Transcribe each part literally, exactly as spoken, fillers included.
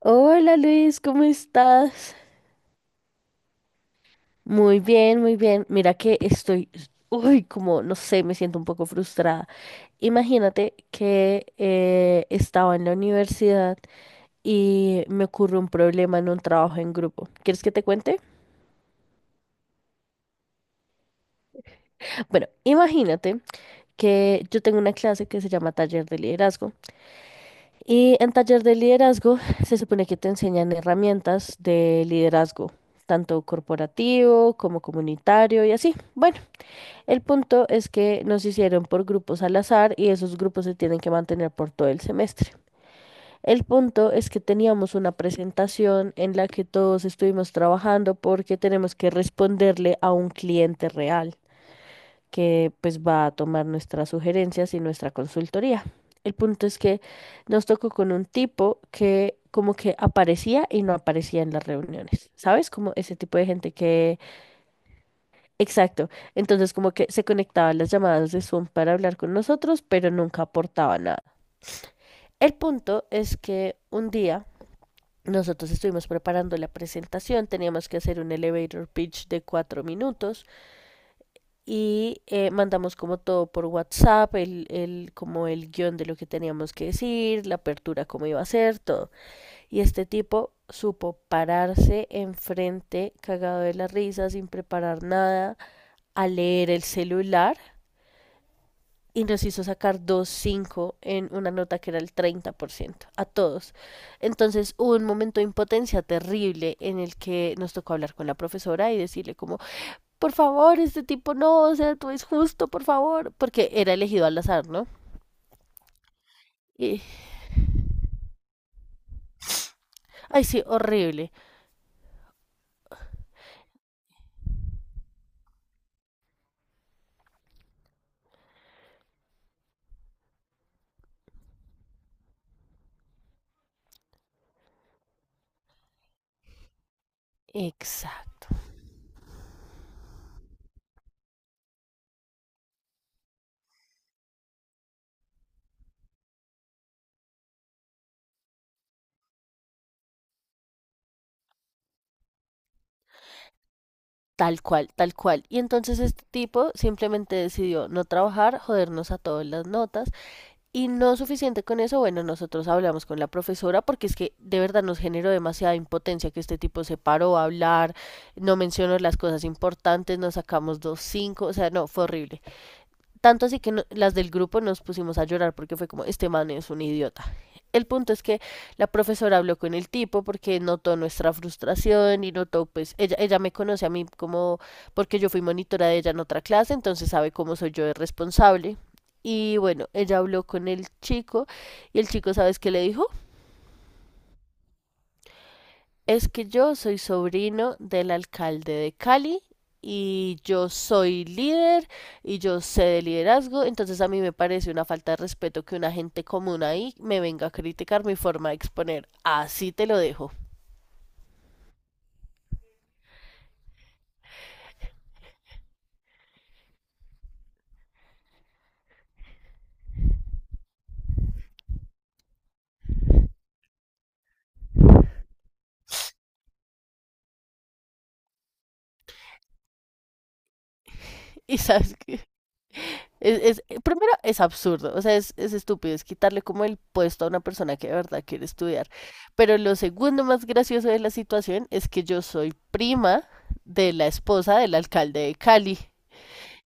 Hola Luis, ¿cómo estás? Muy bien, muy bien. Mira que estoy, uy, como, no sé, me siento un poco frustrada. Imagínate que eh, estaba en la universidad y me ocurre un problema en un trabajo en grupo. ¿Quieres que te cuente? Bueno, imagínate que yo tengo una clase que se llama Taller de Liderazgo. Y en Taller de Liderazgo se supone que te enseñan herramientas de liderazgo, tanto corporativo como comunitario y así. Bueno. El punto es que nos hicieron por grupos al azar y esos grupos se tienen que mantener por todo el semestre. El punto es que teníamos una presentación en la que todos estuvimos trabajando porque tenemos que responderle a un cliente real que pues va a tomar nuestras sugerencias y nuestra consultoría. El punto es que nos tocó con un tipo que como que aparecía y no aparecía en las reuniones, ¿sabes? Como ese tipo de gente que... Exacto. Entonces como que se conectaban las llamadas de Zoom para hablar con nosotros, pero nunca aportaba nada. El punto es que un día nosotros estuvimos preparando la presentación, teníamos que hacer un elevator pitch de cuatro minutos y eh, mandamos como todo por WhatsApp, el, el, como el guión de lo que teníamos que decir, la apertura, cómo iba a ser, todo. Y este tipo supo pararse enfrente, cagado de la risa, sin preparar nada, a leer el celular y nos hizo sacar dos punto cinco en una nota que era el treinta por ciento a todos. Entonces hubo un momento de impotencia terrible en el que nos tocó hablar con la profesora y decirle como, por favor, este tipo no, o sea, tú es justo, por favor, porque era elegido al azar, ¿no? Y, ay, sí, horrible. Exacto. Tal cual, tal cual. Y entonces este tipo simplemente decidió no trabajar, jodernos a todas las notas. Y no suficiente con eso, bueno, nosotros hablamos con la profesora porque es que de verdad nos generó demasiada impotencia que este tipo se paró a hablar, no mencionó las cosas importantes, nos sacamos dos cinco, o sea, no, fue horrible. Tanto así que no- las del grupo nos pusimos a llorar porque fue como, este man es un idiota. El punto es que la profesora habló con el tipo porque notó nuestra frustración y notó, pues, ella, ella me conoce a mí como, porque yo fui monitora de ella en otra clase, entonces sabe cómo soy yo de responsable. Y bueno, ella habló con el chico y el chico, ¿sabes qué le dijo? Es que yo soy sobrino del alcalde de Cali y yo soy líder y yo sé de liderazgo, entonces a mí me parece una falta de respeto que una gente común ahí me venga a criticar mi forma de exponer. Así te lo dejo. Y sabes que es, es- eh, primero es absurdo, o sea, es, es estúpido, es quitarle como el puesto a una persona que de verdad quiere estudiar. Pero lo segundo más gracioso de la situación es que yo soy prima de la esposa del alcalde de Cali.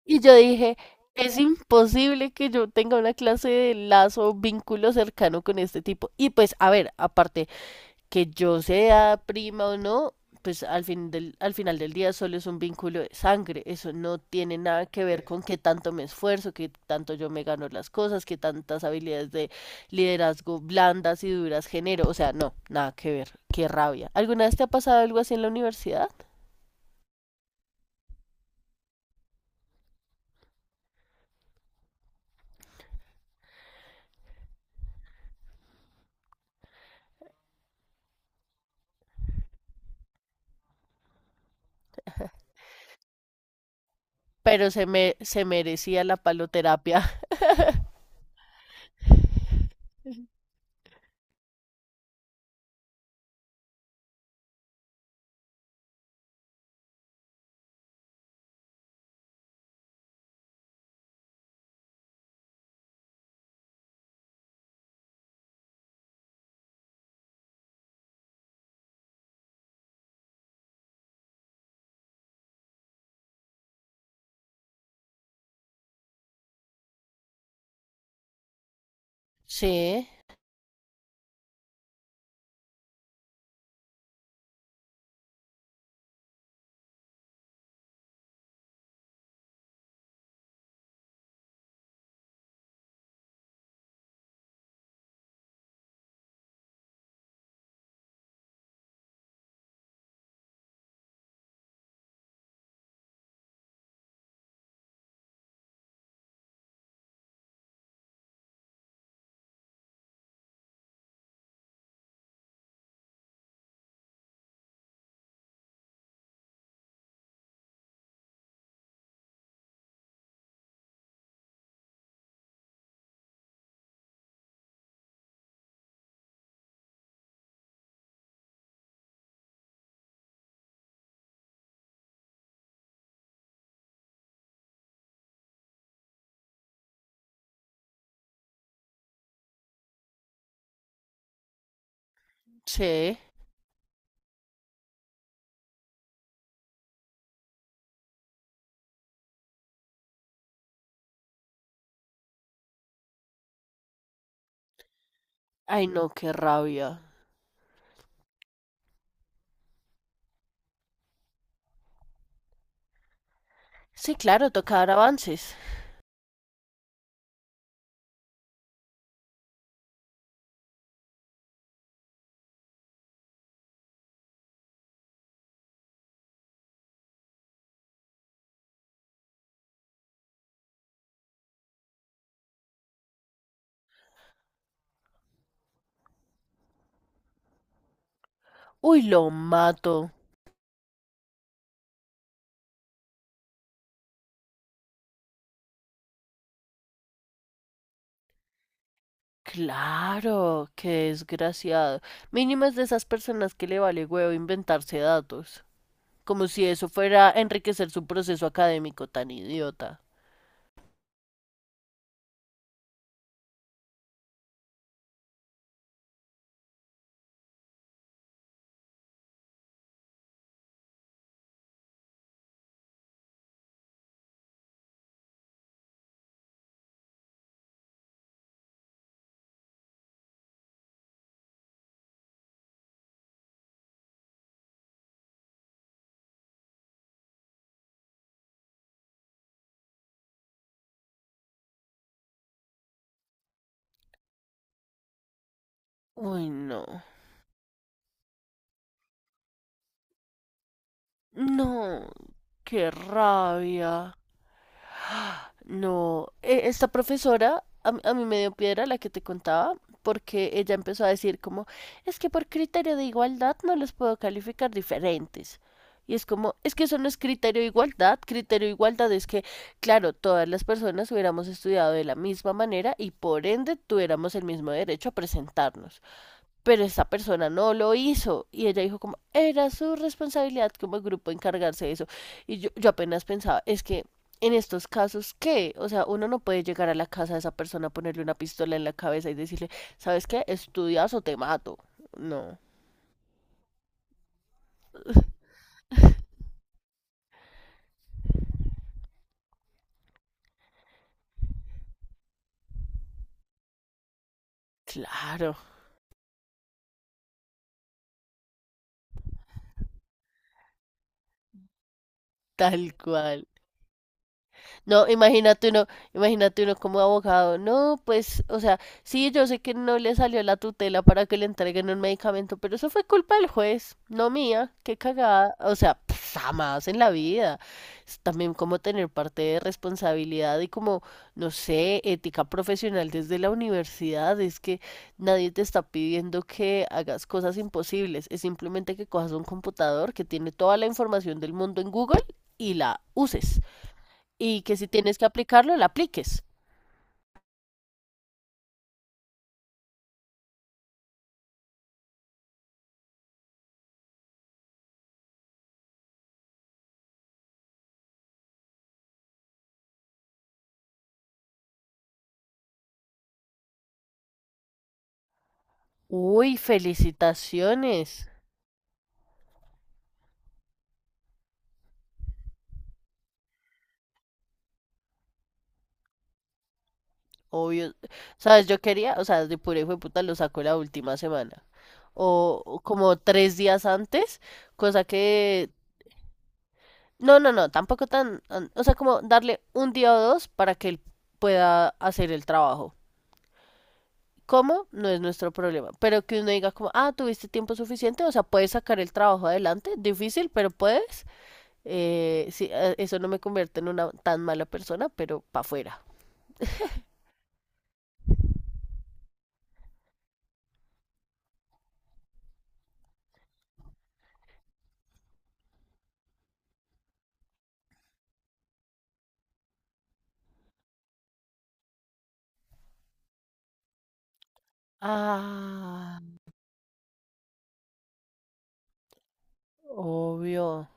Y yo dije, es imposible que yo tenga una clase de lazo o vínculo cercano con este tipo. Y pues, a ver, aparte, que yo sea prima o no, pues al fin del, al final del día solo es un vínculo de sangre. Eso no tiene nada que ver con qué tanto me esfuerzo, qué tanto yo me gano las cosas, qué tantas habilidades de liderazgo blandas y duras genero. O sea, no, nada que ver. Qué rabia. ¿Alguna vez te ha pasado algo así en la universidad? Pero se me, se merecía la paloterapia. Sí, sí. Ay, no, qué rabia. Sí, claro, toca dar avances. Uy, lo mato. Claro, qué desgraciado. Mínimo es de esas personas que le vale huevo inventarse datos. Como si eso fuera a enriquecer su proceso académico tan idiota. Uy, no. No, qué rabia. No, e- esta profesora a, mí a mí me dio piedra la que te contaba, porque ella empezó a decir como, es que por criterio de igualdad no los puedo calificar diferentes. Y es como, es que eso no es criterio de igualdad, criterio de igualdad es que, claro, todas las personas hubiéramos estudiado de la misma manera y por ende tuviéramos el mismo derecho a presentarnos, pero esta persona no lo hizo y ella dijo como era su responsabilidad como grupo encargarse de eso. Y yo, yo, apenas pensaba es que en estos casos qué, o sea, uno no puede llegar a la casa de esa persona, ponerle una pistola en la cabeza y decirle, sabes qué, estudias o te mato. No. Claro. Tal cual. No, imagínate uno, imagínate uno como abogado. No, pues, o sea, sí, yo sé que no le salió la tutela para que le entreguen un medicamento, pero eso fue culpa del juez, no mía. Qué cagada. O sea, pff, jamás en la vida. Es también como tener parte de responsabilidad y como, no sé, ética profesional desde la universidad. Es que nadie te está pidiendo que hagas cosas imposibles. Es simplemente que cojas un computador que tiene toda la información del mundo en Google y la uses y que si tienes que aplicarlo, la apliques. Uy, felicitaciones. Obvio. Sabes, yo quería, o sea, de pura hijo de puta lo sacó la última semana. O, o como tres días antes, cosa que... No, no, no, tampoco tan... an- O sea, como darle un día o dos para que él pueda hacer el trabajo. ¿Cómo? No es nuestro problema. Pero que uno diga como, ah, tuviste tiempo suficiente, o sea, puedes sacar el trabajo adelante. Difícil, pero puedes. Eh, sí, eh, eso no me convierte en una tan mala persona, pero para afuera. Ah, obvio.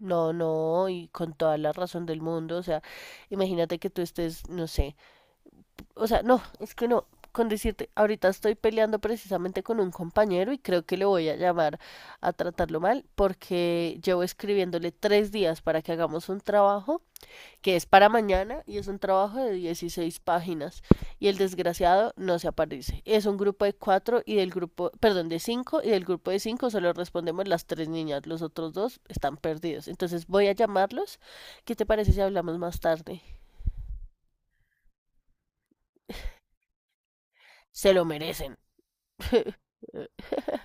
No, no, y con toda la razón del mundo, o sea, imagínate que tú estés, no sé, o sea, no, es que no, con decirte, ahorita estoy peleando precisamente con un compañero y creo que le voy a llamar a tratarlo mal porque llevo escribiéndole tres días para que hagamos un trabajo que es para mañana y es un trabajo de dieciséis páginas y el desgraciado no se aparece. Es un grupo de cuatro y del grupo, perdón, de cinco y del grupo de cinco solo respondemos las tres niñas, los otros dos están perdidos. Entonces voy a llamarlos. ¿Qué te parece si hablamos más tarde? Se lo merecen.